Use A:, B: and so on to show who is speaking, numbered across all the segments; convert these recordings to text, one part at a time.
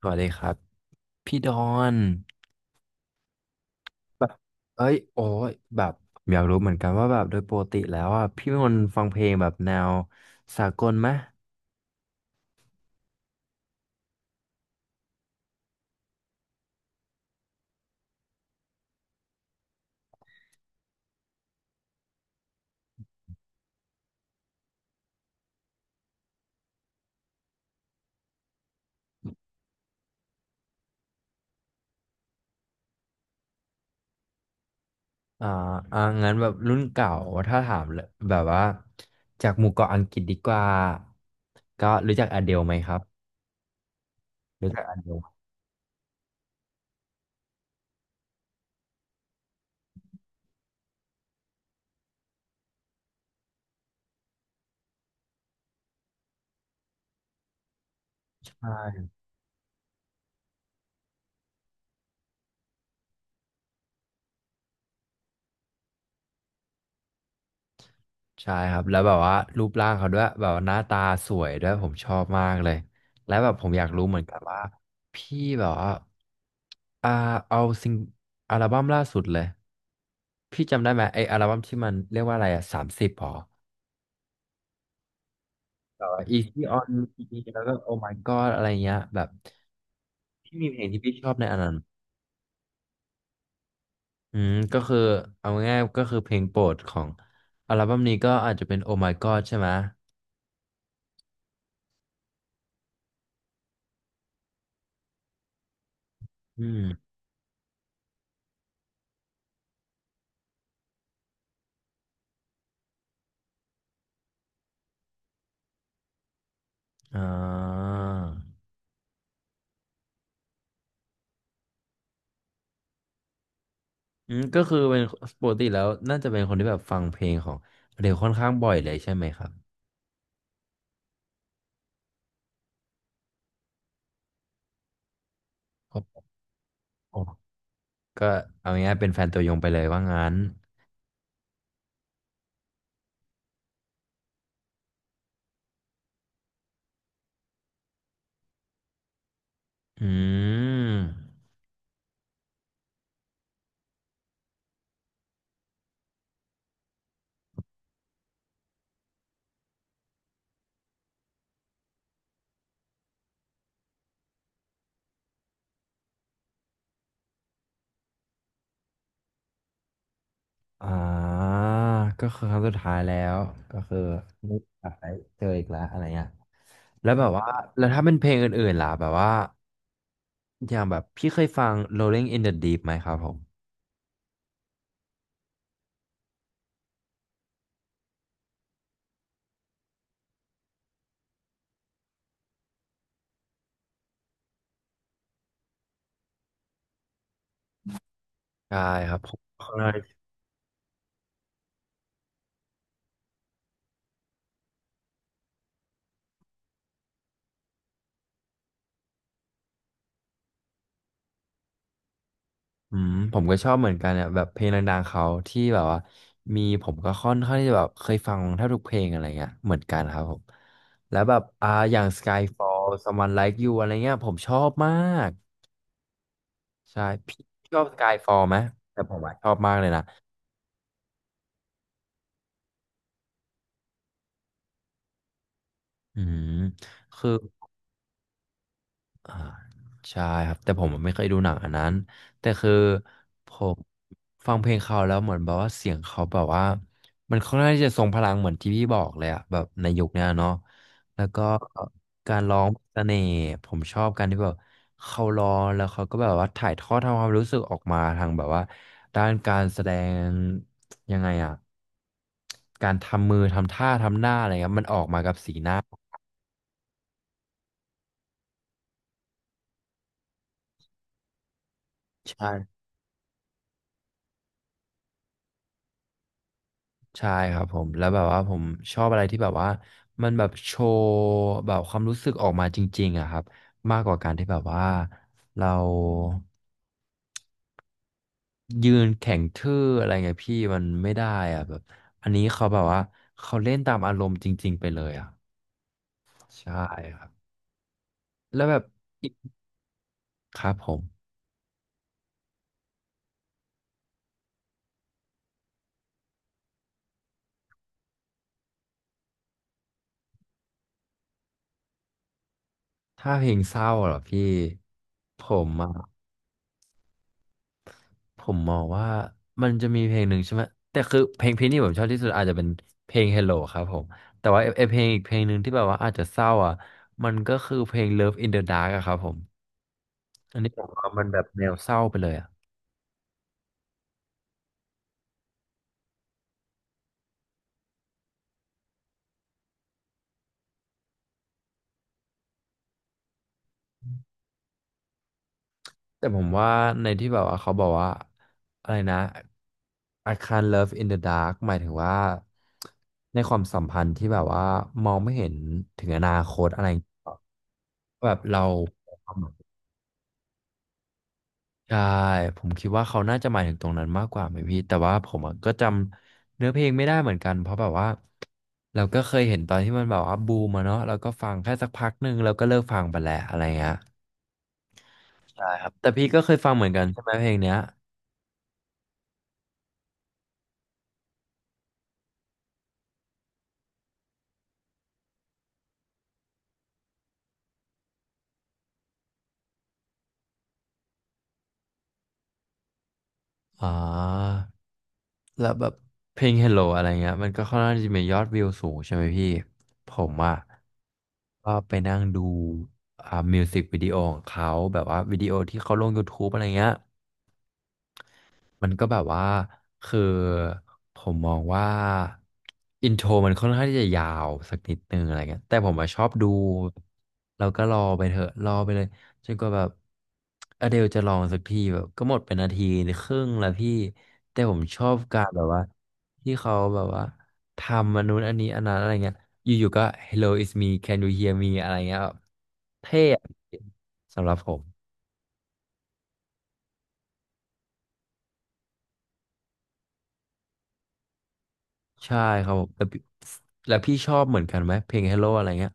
A: สวัสดีครับพี่ดอนแบบเอ้ยโอ้ยแบบอยากรู้เหมือนกันว่าแบบโดยปกติแล้วอ่ะพี่เป็นคนฟังเพลงแบบแนวสากลไหมอ่างั้นแบบรุ่นเก่าถ้าถามเลยแบบว่าจากหมู่เกาะอังกฤษดีกว่าก็รู้จักอเดลไหมครับรู้จักอเดล ใช่ครับแล้วแบบว่ารูปร่างเขาด้วยแบบว่าหน้าตาสวยด้วยผมชอบมากเลยและแบบผมอยากรู้เหมือนกันว่าพี่แบบว่าอ่าเอาซิงอัลบั้มล่าสุดเลยพี่จำได้ไหมไออัลบั้มที่มันเรียกว่าอะไรอะ30หรอแบบว่า Easy on Me แล้วก็ Oh My God อะไรเงี้ยแบบพี่มีเพลงที่พี่ชอบในอันนั้นอืมก็คือเอาง่ายๆก็คือเพลงโปรดของอัลบั้มนี้ก็อาจจะเป็น Oh My God ใช่ไหมอืมอ่า อืมก็คือเป็นปกติแล้วน่าจะเป็นคนที่แบบฟังเพลงของเดลค่อนข้างบ่อยเลยใช่ไหมครับโอ้โหก็เอาง่ายๆเป็นแฟนตัวยงไปเลยว่างั้นอืมอ่าก็คือครั้งสุดท้ายแล้วก็คือไม่อยากได้เจออีกแล้วอะไรเงี้ยแล้วแบบว่าแล้วถ้าเป็นเพลงอื่นๆล่ะแบบว่าอย่างแบบพี่เคยฟัง Rolling in the Deep ไหมครับผมได้ครับผม อืมผมก็ชอบเหมือนกันเนี่ยแบบเพลงดังๆเขาที่แบบว่ามีผมก็ค่อนข้างที่จะแบบเคยฟังแทบทุกเพลงอะไรเงี้ยเหมือนกันครับผมแล้วแบบอย่าง Skyfall Someone Like You อะไรเงี้ยผมชอบมากใช่พี่ชอบ Skyfall ไหมแต่ผมอะชอบมากเลยนะอืมคือ อ่าใช่ครับแต่ผมไม่เคยดูหนังอันนั้นแต่คือผมฟังเพลงเขาแล้วเหมือนแบบว่าเสียงเขาแบบว่ามันค่อนข้างที่จะทรงพลังเหมือนที่พี่บอกเลยอะแบบในยุคเนี้ยเนาะแล้วก็การร้องเสน่ห์ผมชอบการที่แบบเขาร้องแล้วเขาก็แบบว่าถ่ายทอดทำความรู้สึกออกมาทางแบบว่าด้านการแสดงยังไงอะการทำมือทำท่าทำหน้าอะไรเงี้ยมันออกมากับสีหน้าใช่ ใช่ครับผมแล้วแบบว่าผมชอบอะไรที่แบบว่ามันแบบโชว์แบบความรู้สึกออกมาจริงๆอะครับมากกว่าการที่แบบว่าเรายืนแข็งทื่ออะไรเงี้ยพี่มันไม่ได้อะแบบอันนี้เขาแบบว่าเขาเล่นตามอารมณ์จริงๆไปเลยอะใช่ครับแล้วแบบอีกครับผมถ้าเพลงเศร้าเหรอพี่ผมอะ ผมมองว่ามันจะมีเพลงหนึ่งใช่ไหมแต่คือเพลงพี่นี่ผมชอบที่สุดอาจจะเป็นเพลง Hello ครับผมแต่ว่าไอ้เพลงอีกเพลงหนึ่งที่แบบว่าอาจจะเศร้าอ่ะมันก็คือเพลง Love in the Dark อะครับผมอันนี้ผมว่ามันแบบแนวเศร้าไปเลยอะแต่ผมว่าในที่แบบว่าเขาบอกว่าอะไรนะ I can't love in the dark หมายถึงว่าในความสัมพันธ์ที่แบบว่ามองไม่เห็นถึงอนาคตอะไรอย่างเงี้ยแบบเรา ใช่ผมคิดว่าเขาน่าจะหมายถึงตรงนั้นมากกว่าไหมพี่แต่ว่าผมอะก็จำเนื้อเพลงไม่ได้เหมือนกันเพราะแบบว่าเราก็เคยเห็นตอนที่มันแบบว่าบูมอะเนาะเราก็ฟังแค่สักพักหนึ่งแล้วก็เลิกฟังไปแหละอะไรเงี้ยใช่ครับแต่พี่ก็เคยฟังเหมือนกันใช่ไหมเพลงเนี้ยอ่อแล้วแบบเพลง Hello อะไรเงี้ยมันก็ค่อนข้างจะมียอดวิวสูงใช่ไหมพี่ผมอ่ะก็ไปนั่งดูอ่ามิวสิกวิดีโอของเขาแบบว่าวิดีโอที่เขาลง YouTube อะไรเงี้ย มันก็แบบว่าคือผมมองว่าอินโทรมันค่อนข้างที่จะยาวสักนิดนึงอะไรเงี้ยแต่ผมอะชอบดูแล้วก็รอไปเถอะรอไปเลยจนกว่าแบบอเดลจะลองสักทีแบบก็หมดเป็นนาทีหรือครึ่งแล้วพี่แต่ผมชอบการแบบว่าที่เขาแบบว่าทำอันนู้นอันนี้อันนั้นอะไรเงี้ยอยู่ๆก็ Hello it's me can you hear me อะไรเงี้ยแบบเท่อะสำหรับผม ใช่ครับผมแต่พี่แล้วพี่ชอบเหมือนกันไหมเพลง Hello อะไรเงี้ย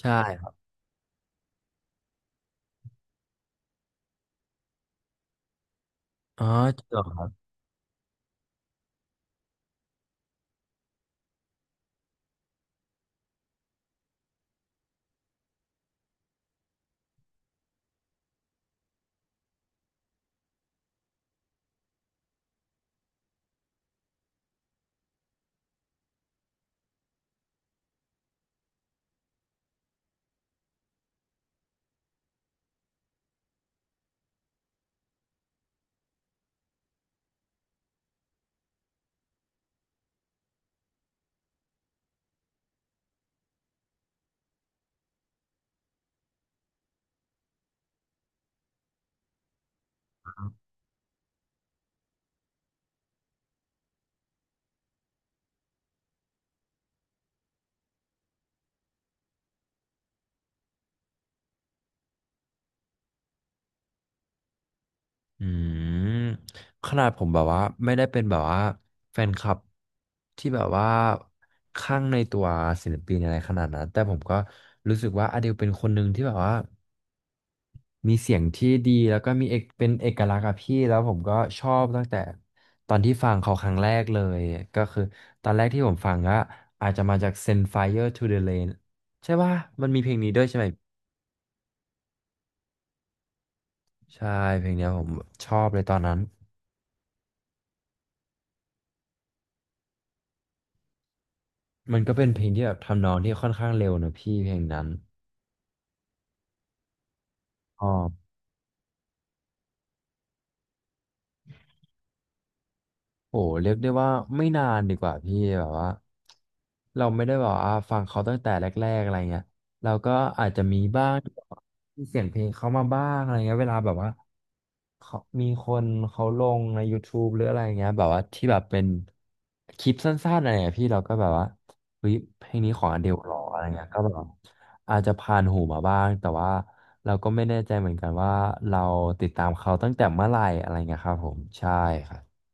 A: ใช่ครับอ๋อจริงเหรอครับอืมขนาดผมแบบว่าไม่ได้เป็นแบบว่าแฟนคลับที่แบบว่าข้างในตัวศิลปินอะไรขนาดนั้นแต่ผมก็รู้สึกว่าอเดลเป็นคนหนึ่งที่แบบว่า มีเสียงที่ดีแล้วก็มีเอกเป็นเอกลักษณ์อะพี่แล้วผมก็ชอบตั้งแต่ตอนที่ฟังเขาครั้งแรกเลยก็คือตอนแรกที่ผมฟังก็อาจจะมาจาก Send Fire to the Rain ใช่ป่ะมันมีเพลงนี้ด้วยใช่ไหมใช่เพลงเนี้ยผมชอบเลยตอนนั้นมันก็เป็นเพลงที่แบบทำนองที่ค่อนข้างเร็วนะพี่เพลงนั้นอ๋อ โอ้เรียกได้ว่าไม่นานดีกว่าพี่แบบว่าเราไม่ได้แบบว่าฟังเขาตั้งแต่แรกๆอะไรเงี้ยเราก็อาจจะมีบ้างีมีเสียงเพลงเขามาบ้างอะไรเงี้ยเวลาแบบว่าเขามีคนเขาลงในยูทูบหรืออะไรเงี้ยแบบว่าที่แบบเป็นคลิปสั้นๆอะไรเงี้ยพี่เราก็แบบว่าเฮ้ยเพลงนี้ของอเดลหรออะไรเงี้ยก็แบบว่าอาจจะผ่านหูมาบ้างแต่ว่าเราก็ไม่แน่ใจเหมือนกันว่าเราติดตามเขาตั้งแต่เมื่อไหร่อะไรเงี้ยครับผมใช่ครับ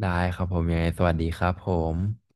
A: ได้ครับผมยังไงสวัสดีครับผม